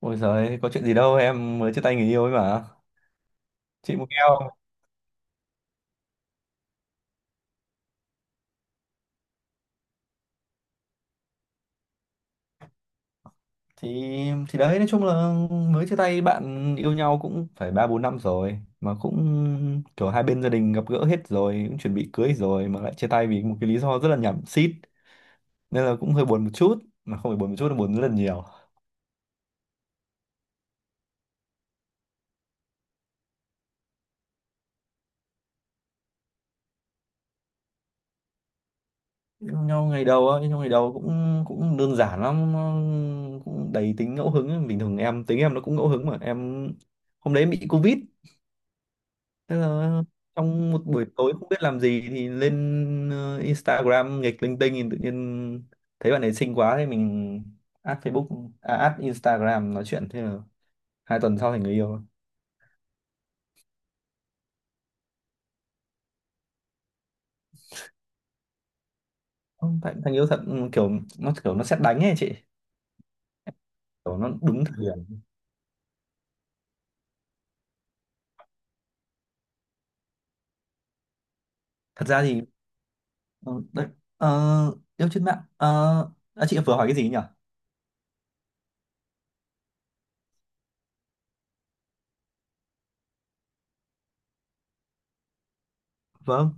Ôi giời, có chuyện gì đâu, em mới chia tay người yêu ấy mà. Chị muốn nghe không? Thì thì đấy, nói chung là mới chia tay bạn yêu nhau cũng phải 3 4 năm rồi mà cũng kiểu hai bên gia đình gặp gỡ hết rồi, cũng chuẩn bị cưới rồi mà lại chia tay vì một cái lý do rất là nhảm xít. Nên là cũng hơi buồn một chút, mà không phải buồn một chút là buồn rất là nhiều. Yêu nhau ngày đầu á, yêu nhau ngày đầu cũng cũng đơn giản lắm, nó cũng đầy tính ngẫu hứng, bình thường em tính em nó cũng ngẫu hứng mà em hôm đấy em bị Covid. Thế là trong một buổi tối không biết làm gì thì lên Instagram nghịch linh tinh thì tự nhiên thấy bạn ấy xinh quá thì mình add Facebook à, add Instagram nói chuyện, thế là hai tuần sau thành người yêu. Ừ, thành yêu thật, ừ, kiểu nó sét đánh ấy chị, kiểu nó đúng thời điểm. Thật ra thì ờ, đấy, yêu trên mạng, chị vừa hỏi cái gì nhỉ? Vâng.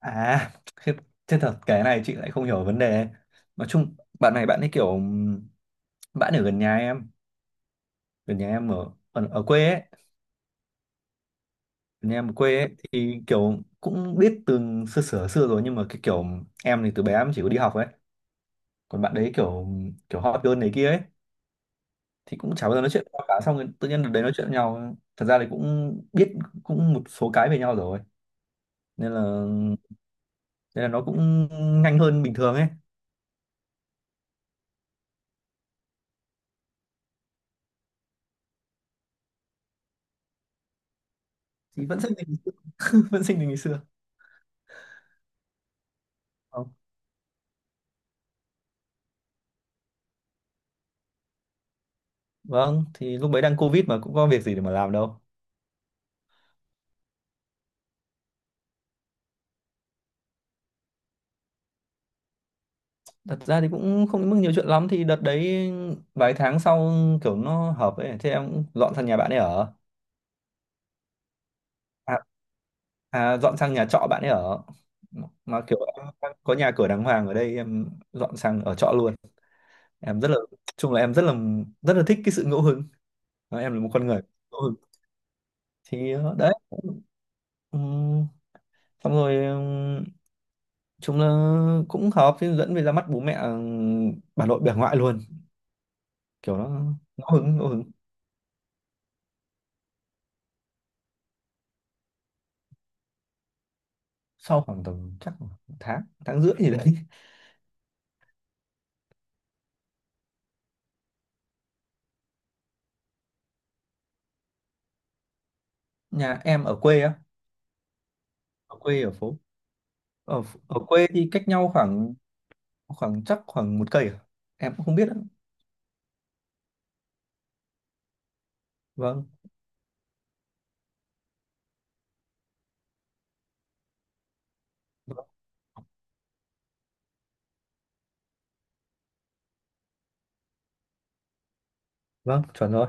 À, thế, thế thật cái này chị lại không hiểu vấn đề. Nói chung bạn này bạn ấy kiểu bạn ở gần nhà em, ở nhà em ở ở quê ấy. Ở nhà em ở quê ấy thì kiểu cũng biết từ xưa xưa xưa rồi, nhưng mà cái kiểu em thì từ bé em chỉ có đi học ấy, còn bạn đấy kiểu kiểu hot girl này kia ấy, thì cũng chả bao giờ nói chuyện qua cả. Xong rồi tự nhiên đợt đấy nói chuyện với nhau, thật ra thì cũng biết cũng một số cái về nhau rồi, nên là nên là nó cũng nhanh hơn bình thường ấy. Thì vẫn sinh tình, vẫn sinh tình ngày xưa. Ờ, vâng, thì lúc đấy đang Covid mà cũng có việc gì để mà làm đâu. Thật ra thì cũng không đến mức nhiều chuyện lắm. Thì đợt đấy vài tháng sau kiểu nó hợp ấy, thế em cũng dọn sang nhà bạn ấy ở. À, à, dọn sang nhà trọ bạn ấy ở, mà kiểu em đang có nhà cửa đàng hoàng ở đây em dọn sang ở trọ luôn. Em rất là, chung là em rất là, rất là thích cái sự ngẫu hứng. Nói em là một con người ngẫu hứng. Thì đấy, Ừm, xong rồi, chúng là cũng hợp thì dẫn về ra mắt bố mẹ, bà nội bà ngoại luôn, kiểu nó ngẫu hứng ngẫu hứng. Sau khoảng tầm chắc một tháng, tháng rưỡi gì đấy. Nhà em ở quê á, ở quê ở phố, ở ở quê thì cách nhau khoảng, khoảng chắc khoảng một cây à? Em cũng không biết ạ. Vâng. Vâng. Vâng, chuẩn rồi.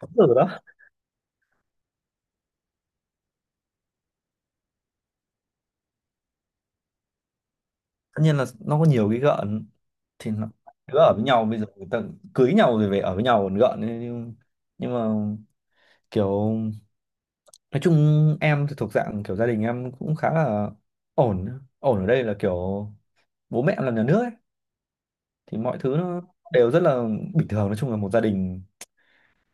Đúng rồi đó. Tất nhiên là nó có nhiều cái gợn, thì nó đứa ở với nhau bây giờ người ta cưới nhau rồi về ở với nhau còn gợn ấy, nhưng mà kiểu, nói chung em thì thuộc dạng kiểu gia đình em cũng khá là ổn. Ổn ở đây là kiểu bố mẹ em làm nhà nước ấy, thì mọi thứ nó đều rất là bình thường. Nói chung là một gia đình,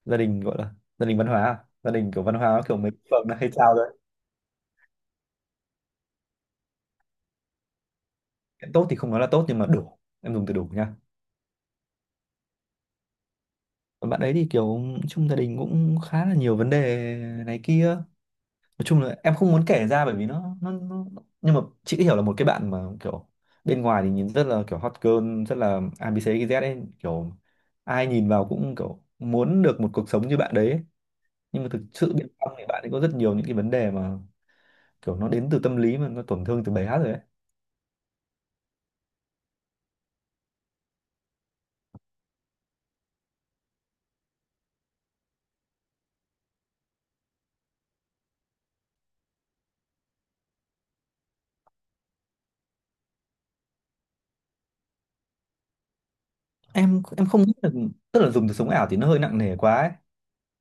gia đình gọi là gia đình văn hóa à? Gia đình kiểu văn hóa kiểu mấy phường nó hay trao đấy. Tốt thì không nói là tốt nhưng mà đủ, em dùng từ đủ nha. Còn bạn ấy thì kiểu chung gia đình cũng khá là nhiều vấn đề này kia. Nói chung là em không muốn kể ra bởi vì nó nó... nhưng mà chị hiểu là một cái bạn mà kiểu bên ngoài thì nhìn rất là kiểu hot girl rất là ABCZ ấy, kiểu ai nhìn vào cũng kiểu muốn được một cuộc sống như bạn đấy ấy. Nhưng mà thực sự bên trong thì bạn ấy có rất nhiều những cái vấn đề mà kiểu nó đến từ tâm lý mà nó tổn thương từ bé hát rồi ấy. Em không nghĩ là, tức là dùng từ sống ảo thì nó hơi nặng nề quá ấy.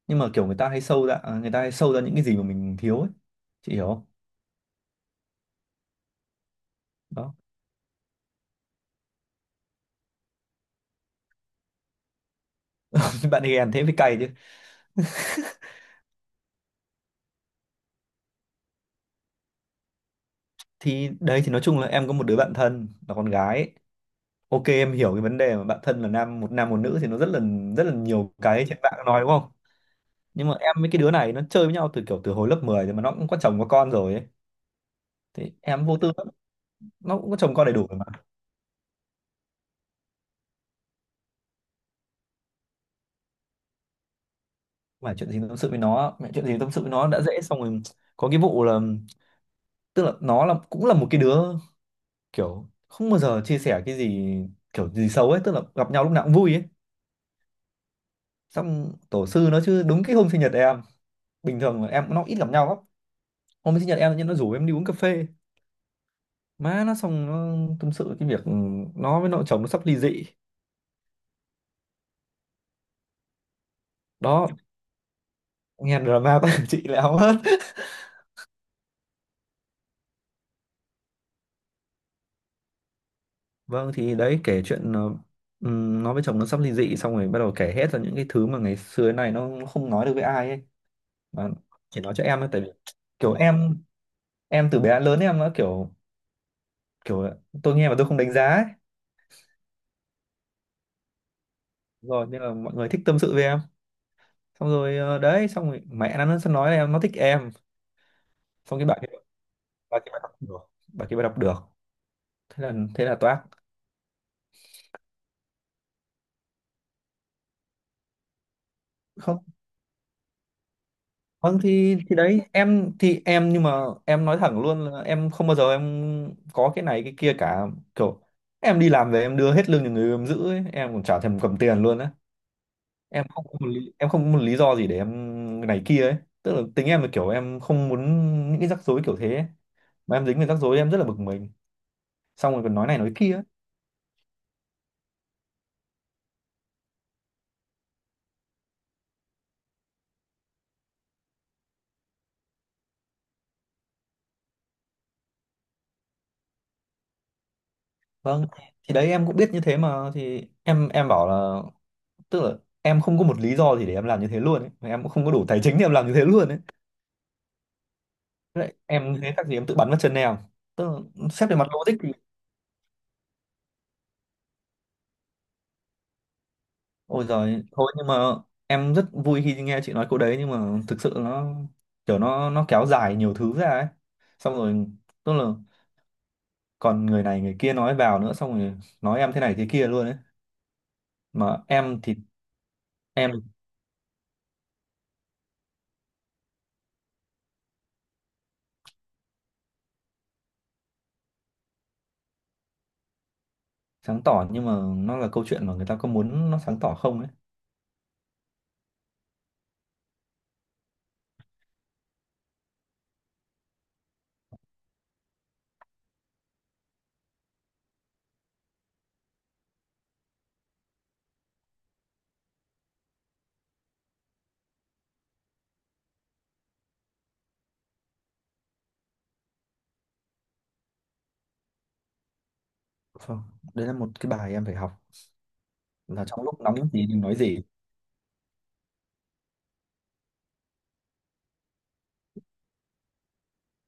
Nhưng mà kiểu người ta hay sâu ra, à, người ta hay sâu ra những cái gì mà mình thiếu ấy, chị hiểu không? Đó. Bạn ấy ghen thế mới cay chứ. Thì đấy, thì nói chung là em có một đứa bạn thân là con gái ấy. Ok, em hiểu cái vấn đề mà bạn thân là nam, một nam một nữ thì nó rất là nhiều cái trên mạng nói đúng không. Nhưng mà em với cái đứa này nó chơi với nhau từ kiểu từ hồi lớp 10 rồi, mà nó cũng có chồng có con rồi ấy, thì em vô tư lắm. Nó cũng có chồng con đầy đủ rồi mà chuyện gì tâm sự với nó, mẹ, chuyện gì tâm sự với nó đã dễ. Xong rồi có cái vụ là, tức là nó là cũng là một cái đứa kiểu không bao giờ chia sẻ cái gì kiểu gì xấu ấy, tức là gặp nhau lúc nào cũng vui ấy. Xong tổ sư nó chứ, đúng cái hôm sinh nhật em, bình thường là em nó ít gặp nhau lắm, hôm sinh nhật em tự nhiên nó rủ em đi uống cà phê. Má nó, xong nó tâm sự cái việc nó với nội chồng nó sắp ly dị. Đó, nghe drama của, chị lại hóng hết. Vâng, thì đấy kể chuyện, nó với chồng nó sắp ly dị, xong rồi bắt đầu kể hết ra những cái thứ mà ngày xưa này nó không nói được với ai ấy, mà chỉ nói cho em thôi, tại vì kiểu em, từ bé đến lớn em nó kiểu, kiểu tôi nghe mà tôi không đánh giá ấy. Rồi nên là mọi người thích tâm sự với em. Xong rồi đấy, xong rồi mẹ nó nói là em nó thích em. Xong cái bà kia, bà kia bà đọc được, bà kia bà đọc được thế là toác. Không, vâng, thì đấy em thì em, nhưng mà em nói thẳng luôn là em không bao giờ em có cái này cái kia cả, kiểu em đi làm về em đưa hết lương cho người em giữ ấy. Em còn chả thèm cầm tiền luôn á. Em không có một lý, em không có một lý do gì để em này kia ấy. Tức là tính em là kiểu em không muốn những cái rắc rối kiểu thế ấy. Mà em dính về rắc rối em rất là bực mình, xong rồi còn nói này nói kia ấy. Vâng, thì đấy em cũng biết như thế mà, thì em bảo là, tức là em không có một lý do gì để em làm như thế luôn ấy. Mà em cũng không có đủ tài chính để em làm như thế luôn ấy. Thế em như thế khác gì em tự bắn vào chân em, tức là xét về mặt logic thì. Ôi giời, thôi, nhưng mà em rất vui khi nghe chị nói câu đấy, nhưng mà thực sự nó kiểu nó kéo dài nhiều thứ ra ấy. Xong rồi tức là còn người này người kia nói vào nữa, xong rồi nói em thế này thế kia luôn ấy. Mà em thì em sáng tỏ, nhưng mà nó là câu chuyện mà người ta có muốn nó sáng tỏ không ấy. Vâng, đấy là một cái bài em phải học, là trong lúc nắm gì thì nói gì.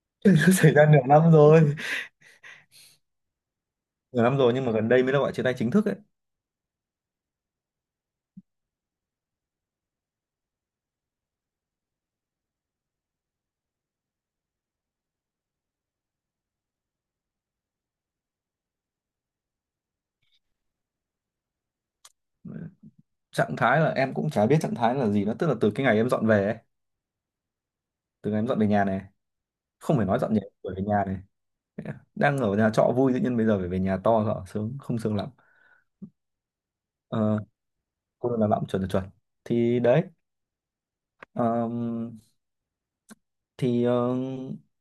Nó xảy ra nửa năm rồi. Nửa năm rồi nhưng mà gần đây mới là gọi chia tay chính thức ấy. Trạng thái là em cũng chả biết trạng thái là gì nữa, tức là từ cái ngày em dọn về ấy, từ ngày em dọn về nhà này, không phải nói dọn nhà phải về nhà này, đang ở nhà trọ vui tự nhiên bây giờ phải về nhà to rõ sướng không sướng lắm. Ờ, cô làm lắm, chuẩn là chuẩn. Thì đấy, ờm, thì,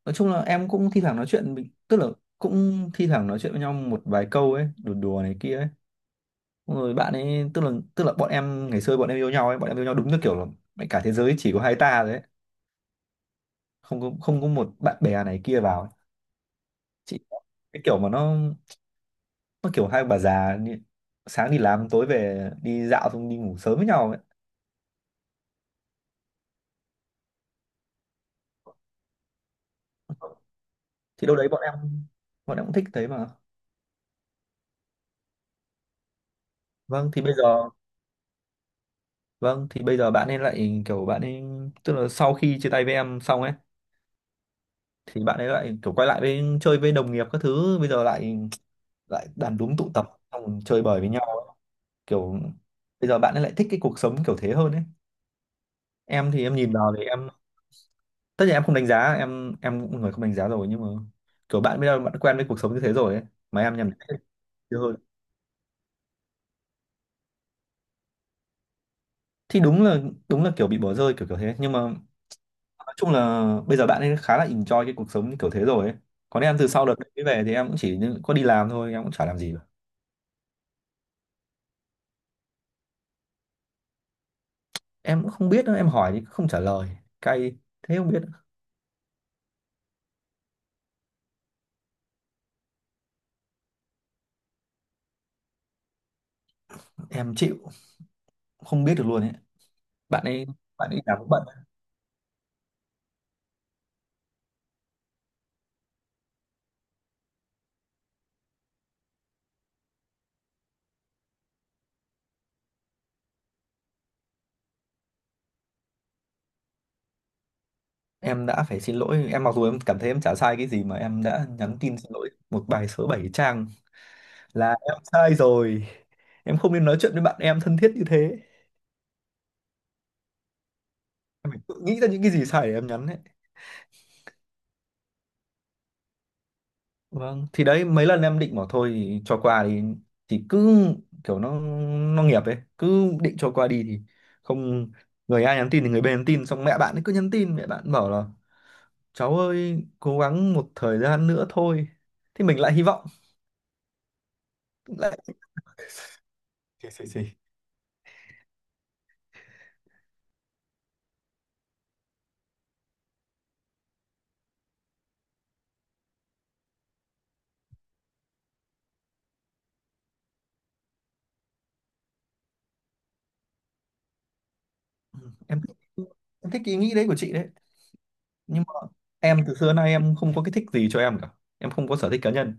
nói chung là em cũng thi thoảng nói chuyện tức là cũng thi thoảng nói chuyện với nhau một vài câu ấy, đùa đùa này kia ấy. Xong rồi bạn ấy tức là bọn em ngày xưa bọn em yêu nhau đúng như kiểu là mẹ cả thế giới chỉ có hai ta đấy, không có không có một bạn bè này kia vào ấy. Chị có cái kiểu mà nó kiểu hai bà già đi, sáng đi làm tối về đi dạo xong đi ngủ sớm với nhau ấy. Thì đâu đấy bọn em cũng thích thế mà. Vâng thì bây giờ, vâng thì bây giờ bạn ấy lại kiểu bạn ấy, tức là sau khi chia tay với em xong ấy, thì bạn ấy lại kiểu quay lại với chơi với đồng nghiệp các thứ, bây giờ lại lại đàn đúm tụ tập, xong rồi chơi bời với nhau, kiểu bây giờ bạn ấy lại thích cái cuộc sống kiểu thế hơn ấy. Em thì em nhìn vào thì em, tất nhiên em không đánh giá, em cũng là người không đánh giá rồi, nhưng mà kiểu bạn bây giờ bạn quen với cuộc sống như thế rồi ấy. Mà em nhầm nhiều hơn, thì đúng là, đúng là kiểu bị bỏ rơi kiểu kiểu thế, nhưng mà nói chung là bây giờ bạn ấy khá là enjoy cái cuộc sống kiểu thế rồi ấy. Còn em từ sau đợt đấy về thì em cũng chỉ có đi làm thôi, em cũng chả làm gì cả. Em cũng không biết nữa, em hỏi thì không trả lời. Cay, thế không biết. Em chịu, không biết được luôn ấy. bạn ấy bạn ấy làm cũng bận. Em đã phải xin lỗi em mặc dù em cảm thấy em chả sai cái gì, mà em đã nhắn tin xin lỗi một bài số 7 trang là em sai rồi, em không nên nói chuyện với bạn em thân thiết như thế. Em phải tự nghĩ ra những cái gì sai để em nhắn ấy. Vâng, thì đấy mấy lần em định bảo thôi thì cho qua, thì cứ kiểu nó nghiệp ấy, cứ định cho qua đi thì không, người A nhắn tin thì người B nhắn tin, xong mẹ bạn ấy cứ nhắn tin, mẹ bạn bảo là cháu ơi cố gắng một thời gian nữa thôi. Thì mình lại hy vọng lại xì, xì, xì. Ừ, em thích, em thích ý nghĩ đấy của chị đấy, nhưng mà em từ xưa nay em không có cái thích gì cho em cả. Em không có sở thích cá nhân.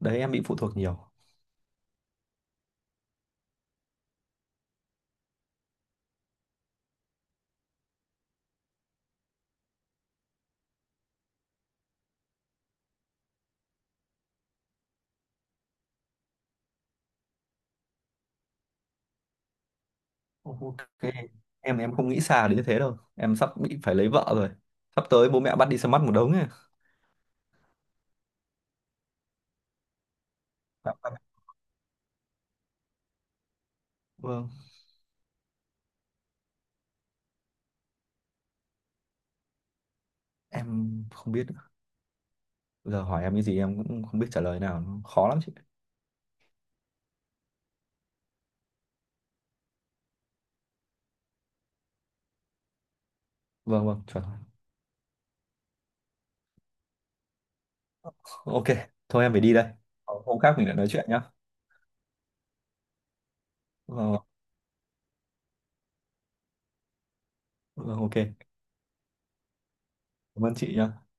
Đấy em bị phụ thuộc nhiều. Ok. Em không nghĩ xa đến như thế đâu. Em sắp bị phải lấy vợ rồi. Sắp tới bố mẹ bắt đi xem mắt một đống ấy. Dạ, dạ. Vâng. Em không biết nữa. Giờ hỏi em cái gì em cũng không biết trả lời nào. Nó khó lắm chị. Vâng vâng. Chuẩn. Ok. Thôi em phải đi đây. Hôm khác mình lại nói chuyện nhá. Vâng. Vâng, vâng, ok. Cảm ơn chị nhá.